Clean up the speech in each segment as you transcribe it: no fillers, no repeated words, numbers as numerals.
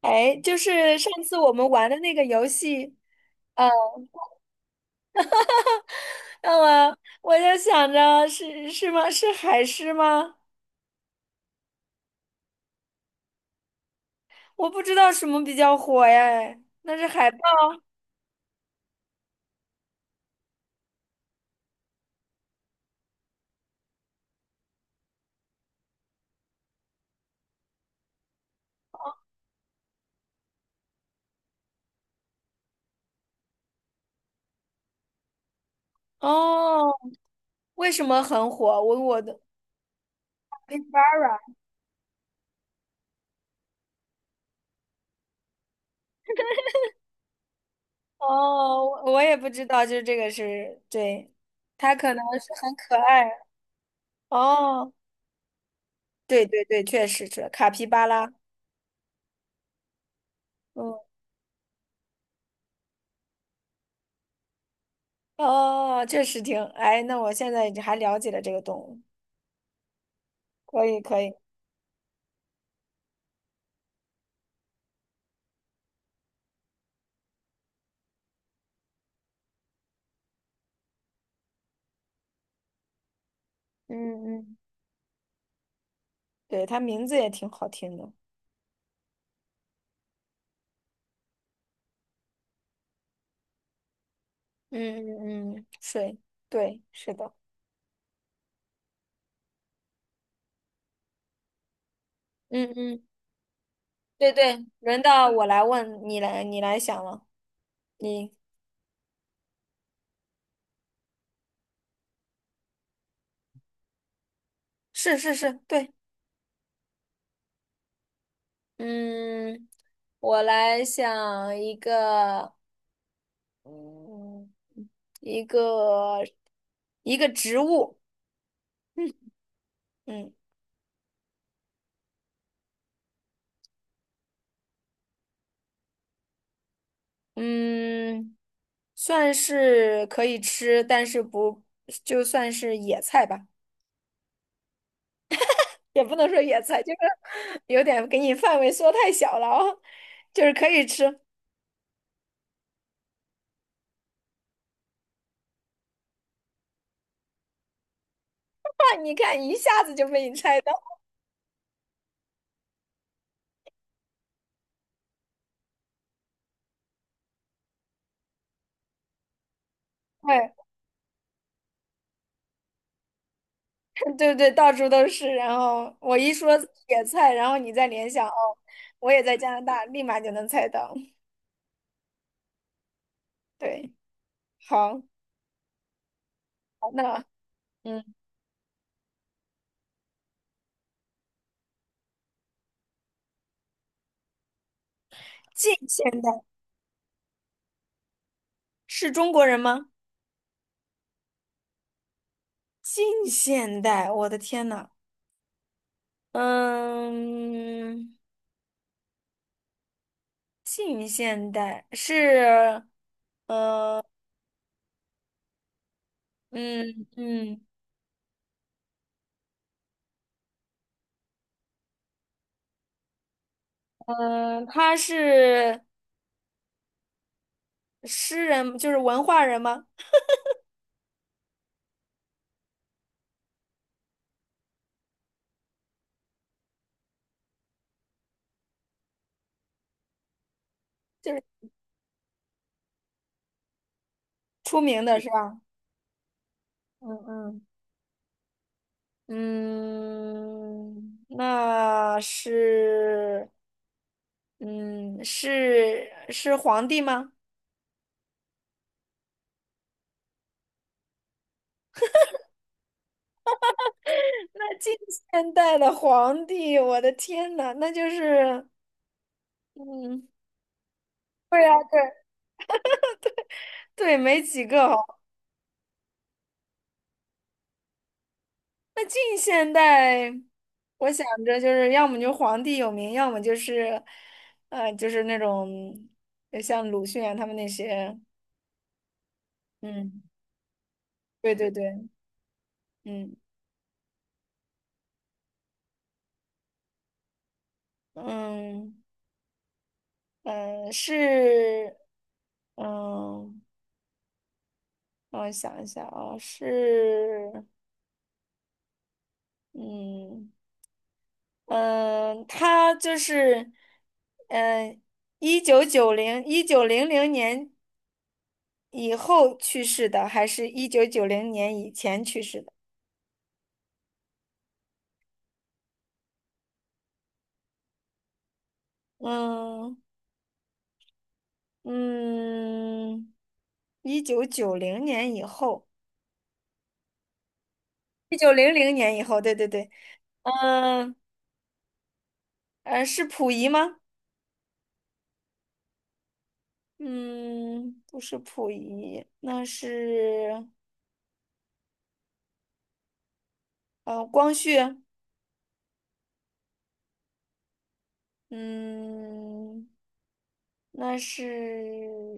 哎，就是上次我们玩的那个游戏，呃，那么我就想着是吗？是海狮吗？我不知道什么比较火哎，那是海豹哦。为什么很火？我的 capyra 哦，我也不知道，就是这个是对，它可能是很可爱哦。对对对，确实是卡皮巴拉，嗯哦，确实挺哎。那我现在还了解了这个动物，可以可以，嗯嗯。对，他名字也挺好听的。嗯嗯嗯，水，对，是的。嗯嗯，对对，轮到我来问你来，你来想了。你是是是，对。嗯，我来想一个，嗯，一个一个植物。嗯嗯，算是可以吃，但是不，就算是野菜吧。也不能说野菜，就是有点给你范围缩太小了哦，就是可以吃。哇，你看一下子就被你猜到，哎，对对，到处都是。然后我一说野菜，然后你再联想，哦，我也在加拿大，立马就能猜到。对，好，好，那嗯，近现代是中国人吗？近现代，我的天呐，嗯，近现代是，嗯嗯。嗯，他是诗人，就是文化人吗？出名的是吧？嗯嗯嗯，那是，嗯，是皇帝吗？那近现代的皇帝，我的天呐，那就是，嗯，对呀，对对，没几个。那近现代，我想着就是要么就皇帝有名，要么就是，就是那种像鲁迅啊他们那些，嗯，对对对，嗯嗯嗯，是，嗯，让我想一下啊，是，嗯嗯，他就是，嗯，一九九零一九零零年以后去世的，还是一九九零年以前去世的？嗯嗯，一九九零年以后，一九零零年以后，对对对，嗯是溥仪吗？嗯，不是溥仪，那是光绪，嗯，那是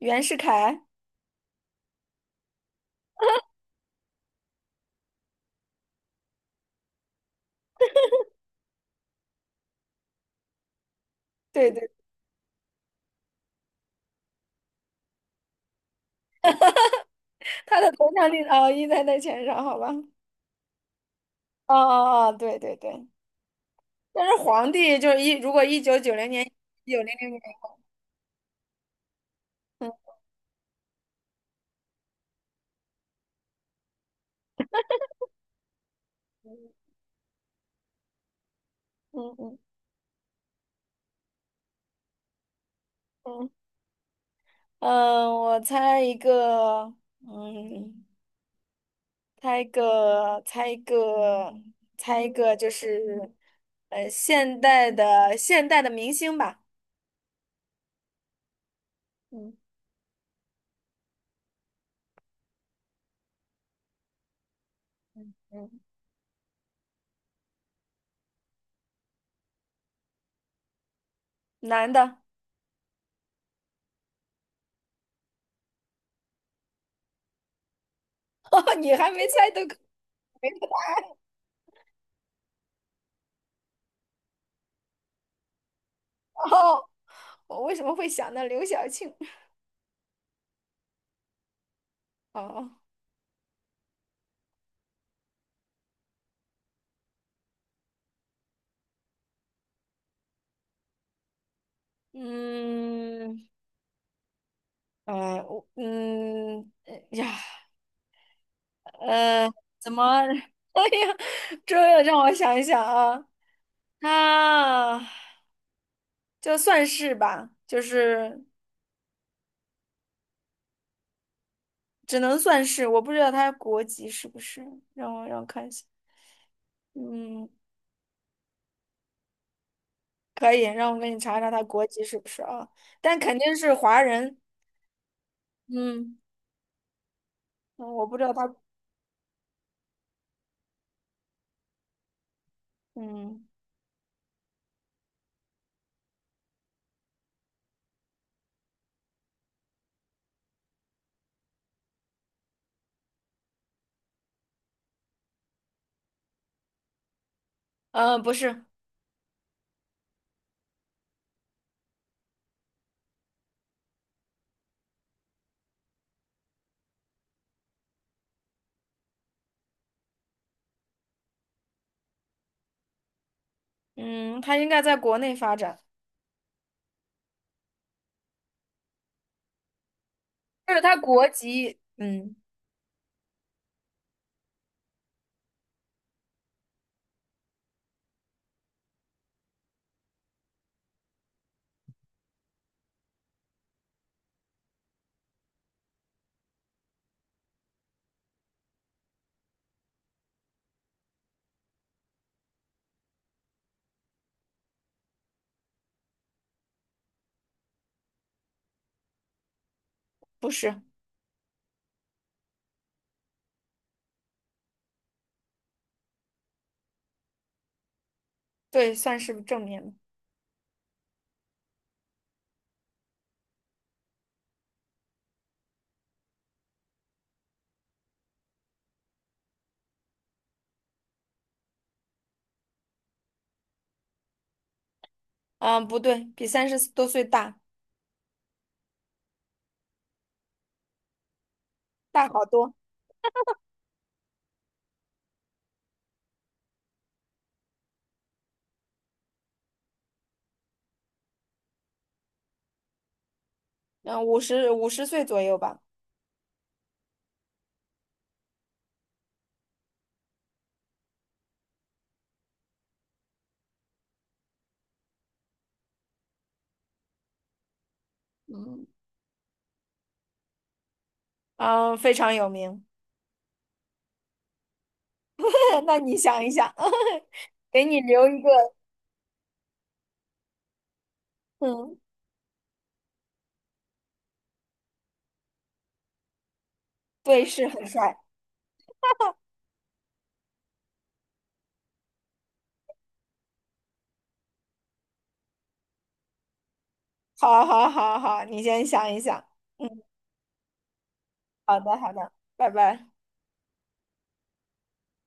袁世凯，对对，他的头像立哦印在钱上，好吧？哦哦哦，对对对，但是皇帝就是一如果一九九零年一九零零年，嗯嗯嗯嗯。嗯，我猜一个，嗯，猜一个，猜一个，猜一个，就是，现代的明星吧，嗯，嗯，男的，你还没猜都可没到，我为什么会想到刘晓庆？哦，嗯，我嗯，哎呀，呃，怎么，这让我想一想啊，他就算是吧，就是。只能算是，我不知道他国籍是不是，让我看一下，嗯，可以，让我给你查查他国籍是不是啊？但肯定是华人，嗯，嗯我不知道他，嗯，不是，嗯，他应该在国内发展，就是他国籍，嗯，不是，对，算是正面的，嗯，不对，比30多岁大，大好多，嗯，五十岁左右吧，嗯，嗯，非常有名，那你想一想，给你留一个。嗯。对，是很帅。好，好，好，好，你先想一想。嗯，好的，好的，拜拜。